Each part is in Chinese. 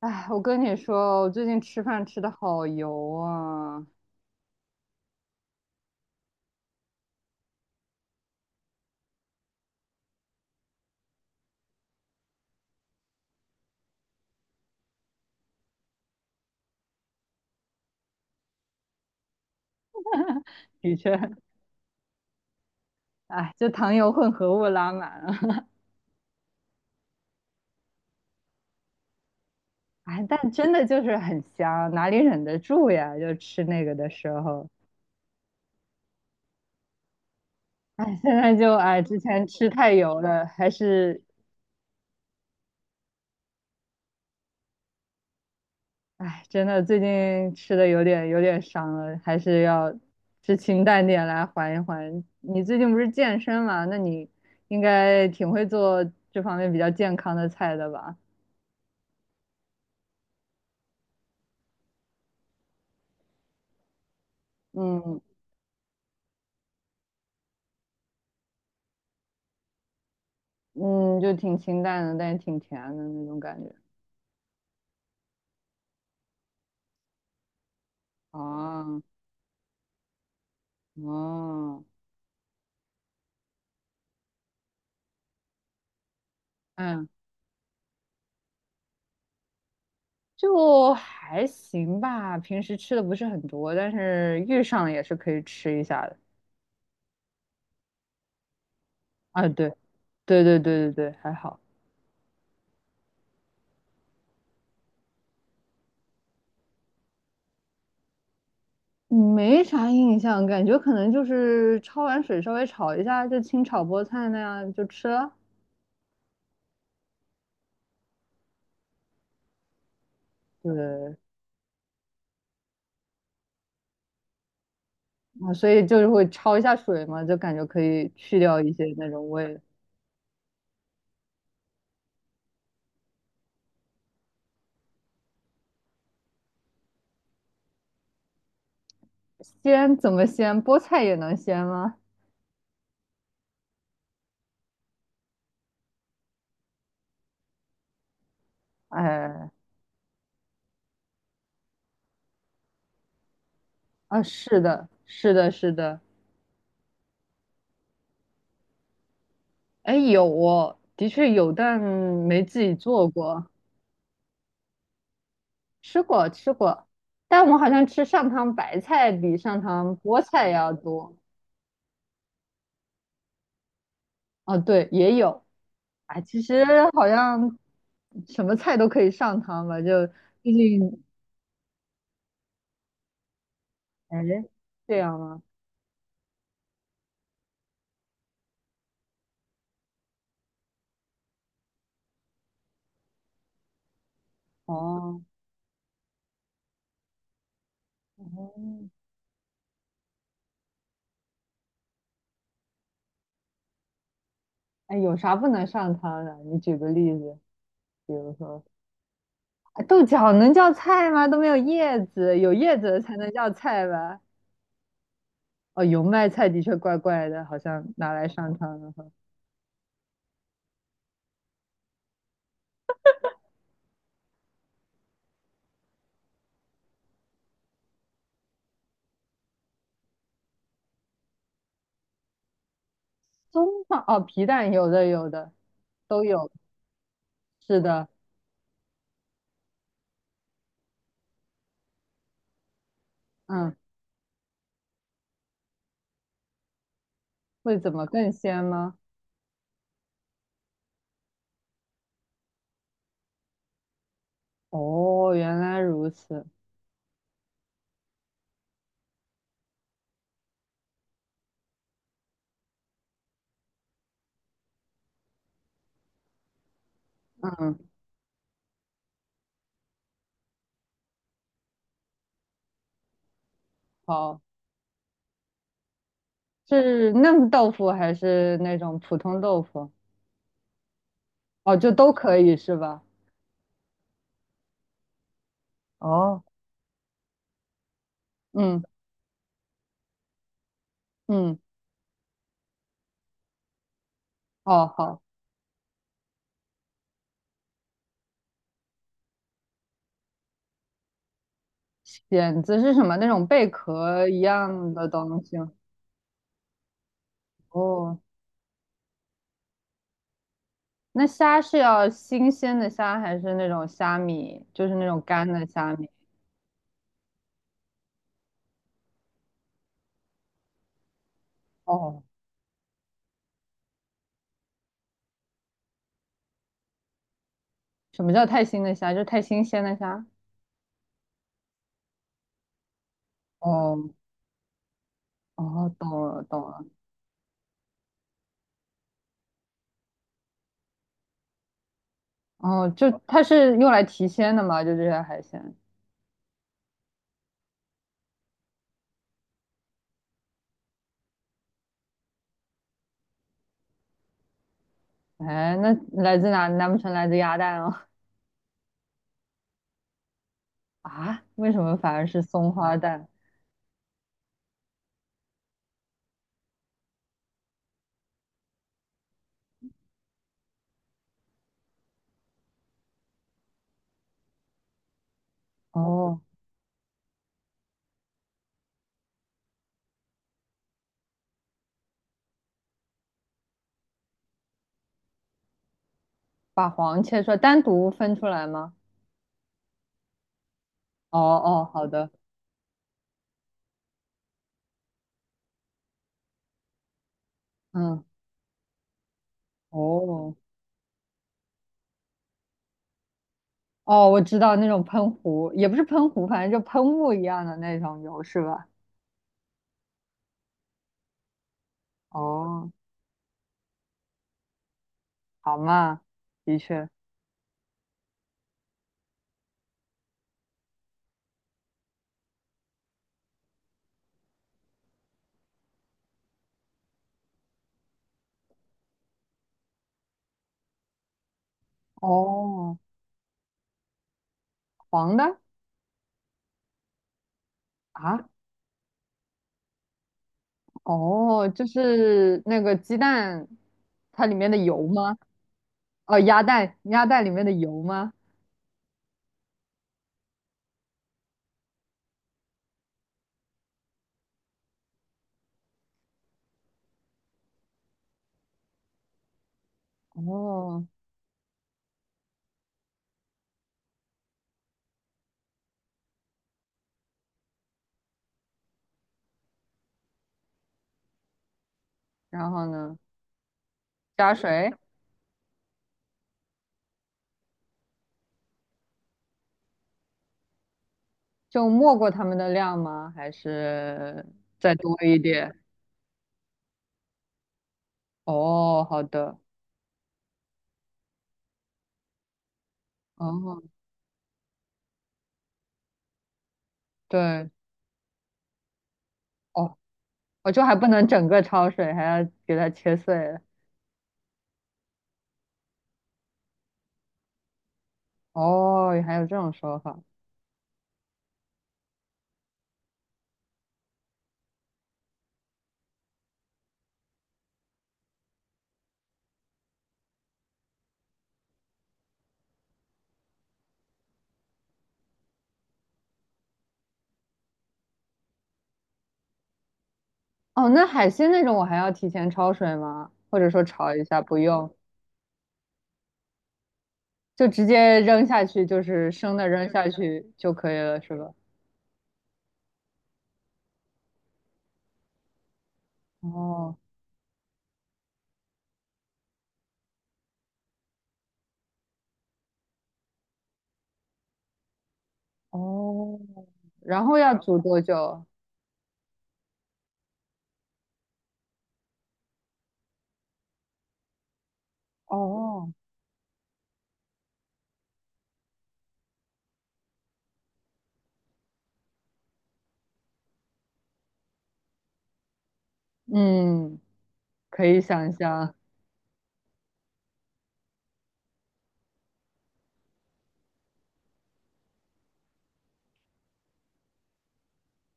哎，我跟你说，我最近吃饭吃的好油啊，的确，哎，就糖油混合物拉满了，哎，但真的就是很香，哪里忍得住呀？就吃那个的时候，哎，现在就哎，之前吃太油了，还是哎，真的最近吃的有点伤了，还是要吃清淡点来缓一缓。你最近不是健身嘛？那你应该挺会做这方面比较健康的菜的吧？嗯嗯，就挺清淡的，但也挺甜的那种感觉。哦，哦，嗯，就还行吧。平时吃的不是很多，但是遇上了也是可以吃一下的。啊，对，对对对对对，还好，没啥印象，感觉可能就是焯完水稍微炒一下，就清炒菠菜那样就吃了。对，啊，所以就是会焯一下水嘛，就感觉可以去掉一些那种味。鲜怎么鲜？菠菜也能鲜吗？哎。啊，是的，是的，是的，哎，有哦，的确有，但没自己做过，吃过，吃过，但我好像吃上汤白菜比上汤菠菜要多。哦，对，也有，啊，其实好像什么菜都可以上汤吧，就毕竟，哎，这样吗？哦，哦，哎，有啥不能上汤的？你举个例子，比如说，啊豆角能叫菜吗？都没有叶子，有叶子才能叫菜吧？哦，油麦菜的确怪怪的，好像拿来上汤的话，葱放哦，皮蛋有的有的，都有，是的，嗯，会怎么更鲜吗？哦，原来如此，嗯，好，是嫩豆腐还是那种普通豆腐？哦，就都可以是吧？哦，嗯嗯，哦好，蚬子是什么？那种贝壳一样的东西吗？哦，那虾是要新鲜的虾还是那种虾米？就是那种干的虾米？哦，什么叫太新的虾？就是太新鲜的虾。哦，哦，懂了，懂了。哦，就它是用来提鲜的嘛？就这些海鲜。哎，那来自哪？难不成来自鸭蛋啊？啊？为什么反而是松花蛋？哦，把黄切出来，单独分出来吗？哦哦，好的。嗯，哦哦，我知道那种喷壶，也不是喷壶，反正就喷雾一样的那种油是吧？哦，好嘛，的确。哦，黄的。啊。哦，就是那个鸡蛋，它里面的油吗？哦，鸭蛋，鸭蛋里面的油吗？哦，然后呢？加水，就没过它们的量吗？还是再多一点？哦，好的。哦，对，哦，我就还不能整个焯水，还要给它切碎了。哦，还有这种说法。哦，那海鲜那种我还要提前焯水吗？或者说炒一下不用？就直接扔下去，就是生的扔下去就可以了，是吧？哦哦，然后要煮多久？哦，嗯，可以想象。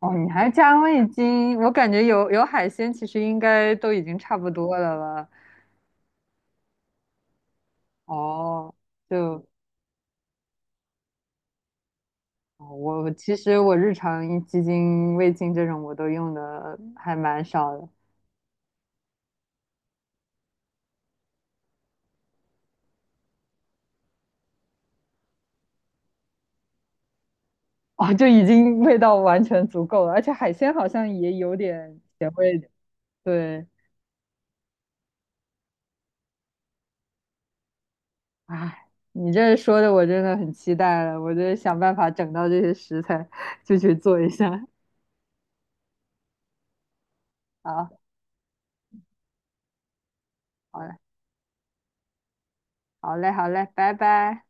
哦，你还加味精，我感觉有海鲜，其实应该都已经差不多了吧？哦，就哦我其实我日常一鸡精、味精这种我都用的还蛮少的。哦，就已经味道完全足够了，而且海鲜好像也有点咸味，对。哎，你这说的我真的很期待了，我就想办法整到这些食材，就去做一下。好，好嘞，好嘞，好嘞，拜拜。